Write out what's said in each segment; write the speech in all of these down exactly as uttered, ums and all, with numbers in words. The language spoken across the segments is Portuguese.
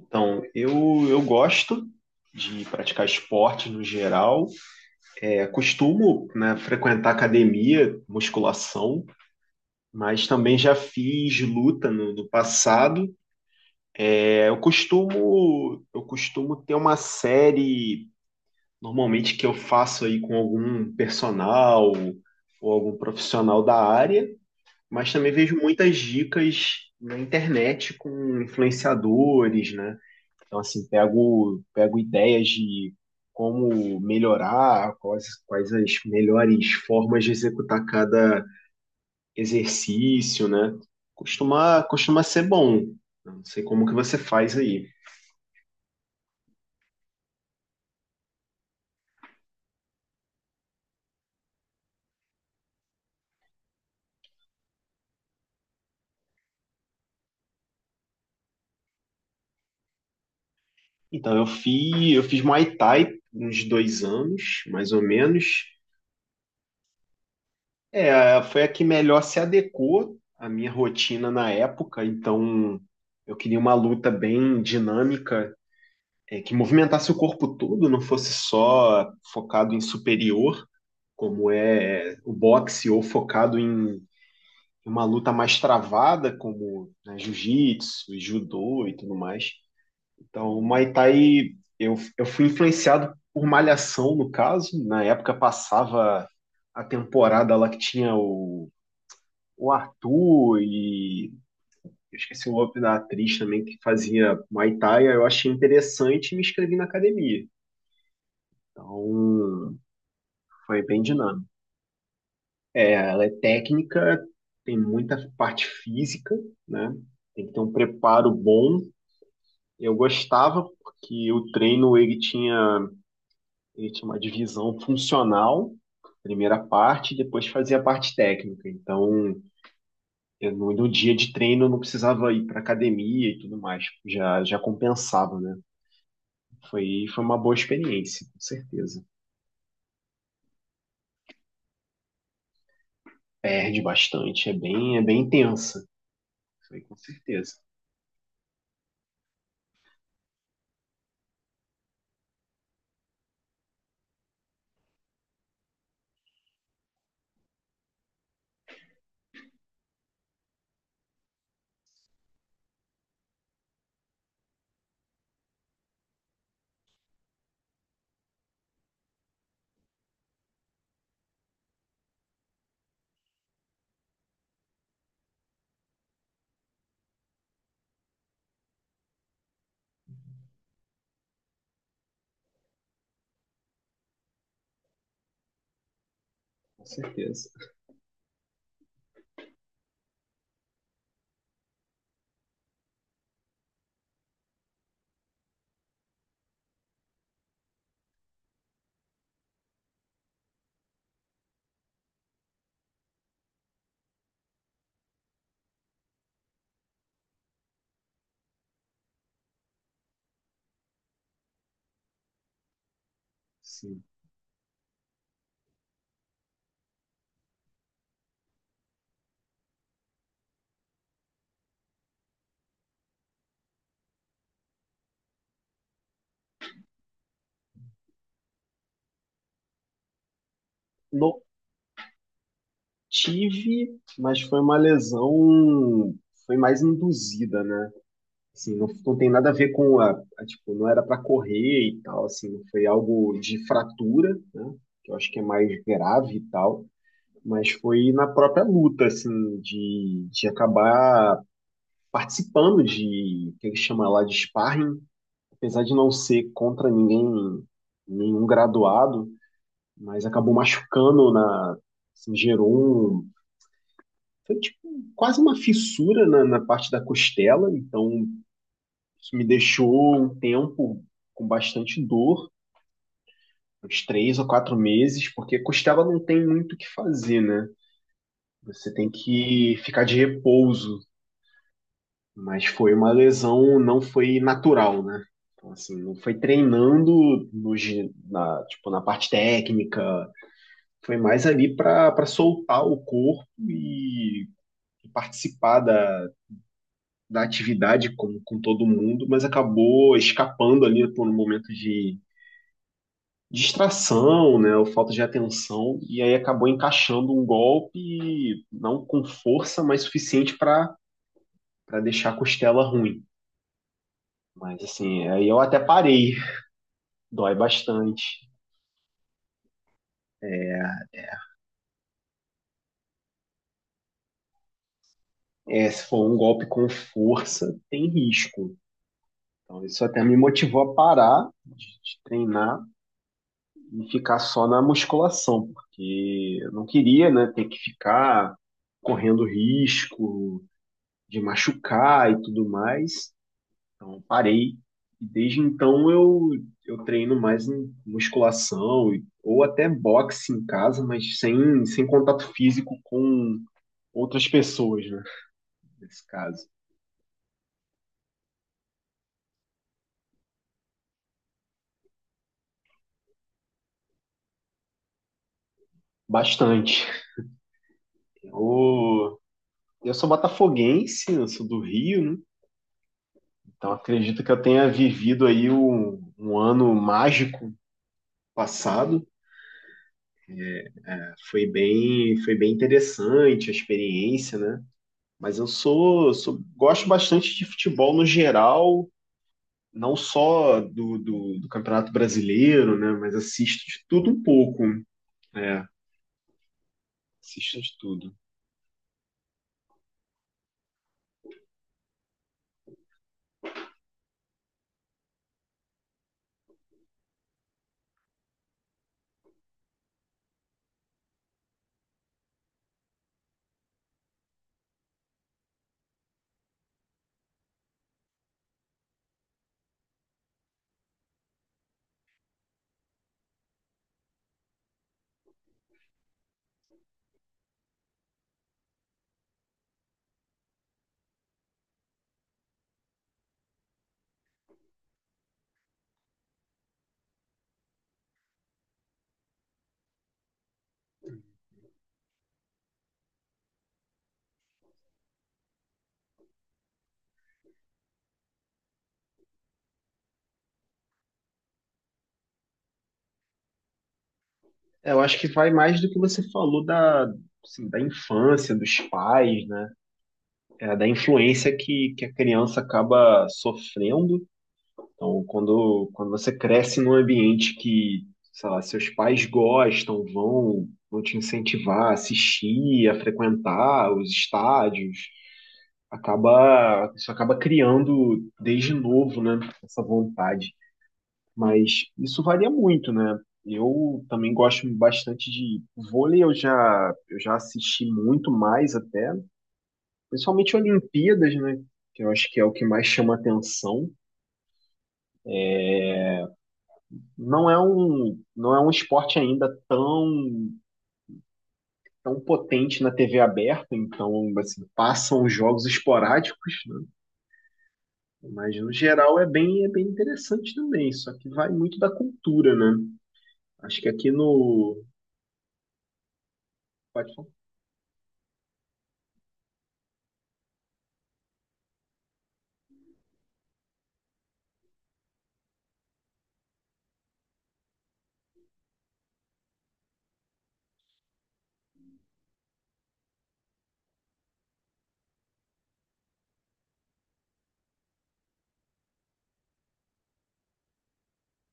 Então, eu, eu gosto de praticar esporte no geral. É, costumo, né, frequentar academia, musculação, mas também já fiz luta no, no passado. É, eu costumo, eu costumo ter uma série normalmente que eu faço aí com algum personal ou algum profissional da área, mas também vejo muitas dicas na internet com influenciadores, né? Então, assim, pego, pego ideias de como melhorar, quais, quais as melhores formas de executar cada exercício, né? Costuma, costuma ser bom. Não sei como que você faz aí. Então, eu fiz, eu fiz Muay Thai uns dois anos, mais ou menos. É, foi a que melhor se adequou à minha rotina na época, então eu queria uma luta bem dinâmica, é, que movimentasse o corpo todo, não fosse só focado em superior, como é o boxe, ou focado em uma luta mais travada, como né, jiu-jitsu, e judô e tudo mais. Então, o Muay Thai, eu, eu fui influenciado por Malhação, no caso. Na época passava a temporada lá que tinha o, o Arthur e eu esqueci o nome da atriz também que fazia Muay Thai. Aí eu achei interessante e me inscrevi na academia. Então, foi bem dinâmico. Ela é técnica, tem muita parte física, né? Tem que ter um preparo bom. Eu gostava porque o treino ele tinha, ele tinha uma divisão funcional, primeira parte, e depois fazia a parte técnica. Então, eu, no, no dia de treino eu não precisava ir para academia e tudo mais, já, já compensava, né? Foi, foi uma boa experiência, com certeza. Perde bastante, é bem, é bem intensa, foi com certeza, com certeza. Sim. Não tive, mas foi uma lesão, foi mais induzida, né? Assim, não, não tem nada a ver com a, a, tipo, não era para correr e tal, assim, foi algo de fratura, né? Que eu acho que é mais grave e tal, mas foi na própria luta, assim, de, de acabar participando de, que ele chama lá de sparring, apesar de não ser contra ninguém, nenhum graduado, mas acabou machucando na, assim, gerou um. Foi tipo, quase uma fissura na, na parte da costela, então isso me deixou um tempo com bastante dor, uns três ou quatro meses, porque costela não tem muito o que fazer, né? Você tem que ficar de repouso, mas foi uma lesão, não foi natural, né? Então, assim, não foi treinando no, gi- na, tipo, na parte técnica, foi mais ali para para soltar o corpo e participar da, da atividade com, com todo mundo, mas acabou escapando ali por um momento de distração, né, ou falta de atenção, e aí acabou encaixando um golpe, não com força, mas suficiente para para deixar a costela ruim. Mas assim, aí eu até parei, dói bastante. É, se for um golpe com força, tem risco. Então isso até me motivou a parar de, de treinar e ficar só na musculação, porque eu não queria, né, ter que ficar correndo risco de machucar e tudo mais. Então parei. E desde então eu, eu treino mais em musculação e- ou até boxe em casa, mas sem, sem contato físico com outras pessoas, né, nesse caso. Bastante. Eu, eu sou botafoguense, eu sou do Rio, né? Então acredito que eu tenha vivido aí um, um ano mágico passado. Foi bem, foi bem interessante a experiência, né? Mas eu sou, sou- gosto bastante de futebol no geral, não só do, do, do Campeonato Brasileiro, né? Mas assisto de tudo um pouco. É, assisto de tudo. É, eu acho que vai mais do que você falou da, assim, da infância, dos pais, né? É, da influência que, que a criança acaba sofrendo. Então, quando, quando você cresce num ambiente que, sei lá, seus pais gostam, vão, vão te incentivar a assistir, a frequentar os estádios, acaba, isso acaba criando desde novo, né, essa vontade. Mas isso varia muito, né? Eu também gosto bastante de vôlei, eu já, eu já assisti muito mais até, principalmente Olimpíadas, né? Que eu acho que é o que mais chama atenção. não é um, não é um esporte ainda tão, tão potente na T V aberta, então assim, passam jogos esporádicos, né? Mas no geral é bem, é bem interessante também, só que vai muito da cultura, né? Acho que aqui no. Pode falar.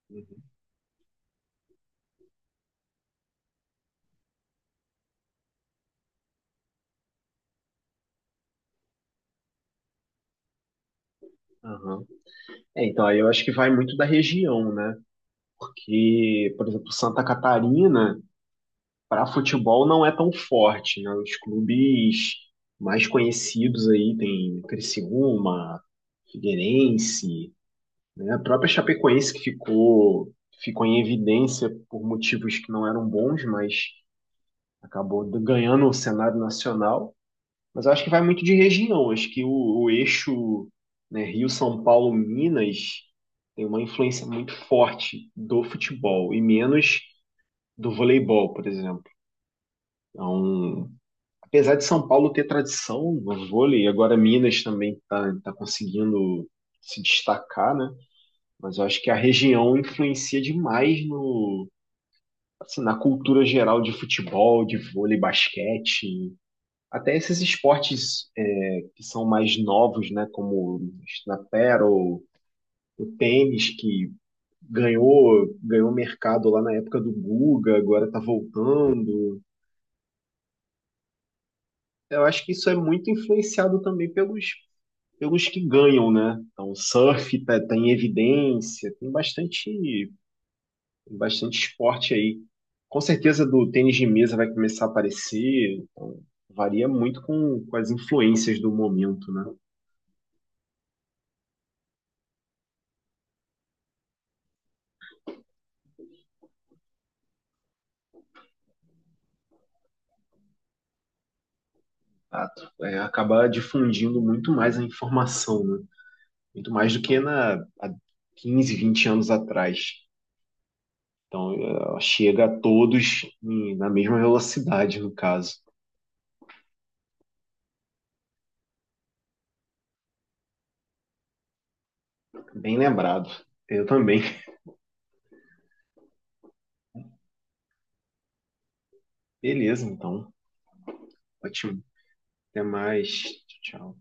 Uhum. Aham. É, então, aí eu acho que vai muito da região, né? Porque, por exemplo, Santa Catarina. Para futebol não é tão forte, né? Os clubes mais conhecidos aí tem Criciúma, Figueirense, né? A própria Chapecoense que ficou ficou em evidência por motivos que não eram bons, mas acabou ganhando o cenário nacional. Mas eu acho que vai muito de região. Acho que o, o eixo, né, Rio, São Paulo, Minas tem uma influência muito forte do futebol e menos do voleibol, por exemplo. Então, apesar de São Paulo ter tradição no vôlei, agora Minas também está tá conseguindo se destacar, né? Mas eu acho que a região influencia demais no, assim, na cultura geral de futebol, de vôlei, basquete, até esses esportes é, que são mais novos, né? Como na paddle, o tênis que ganhou ganhou mercado lá na época do Guga, agora está voltando. Eu acho que isso é muito influenciado também pelos pelos que ganham, né? Então, o surf tá, tá em evidência, tem bastante, bastante esporte aí. Com certeza do tênis de mesa vai começar a aparecer, então, varia muito com, com as influências do momento, né? Ah, é, acaba difundindo muito mais a informação, né? Muito mais do que na, há quinze, vinte anos atrás. Então, eh, chega a todos em- na mesma velocidade, no caso. Bem lembrado. Eu também. Beleza, então. Ótimo. Até mais. Tchau.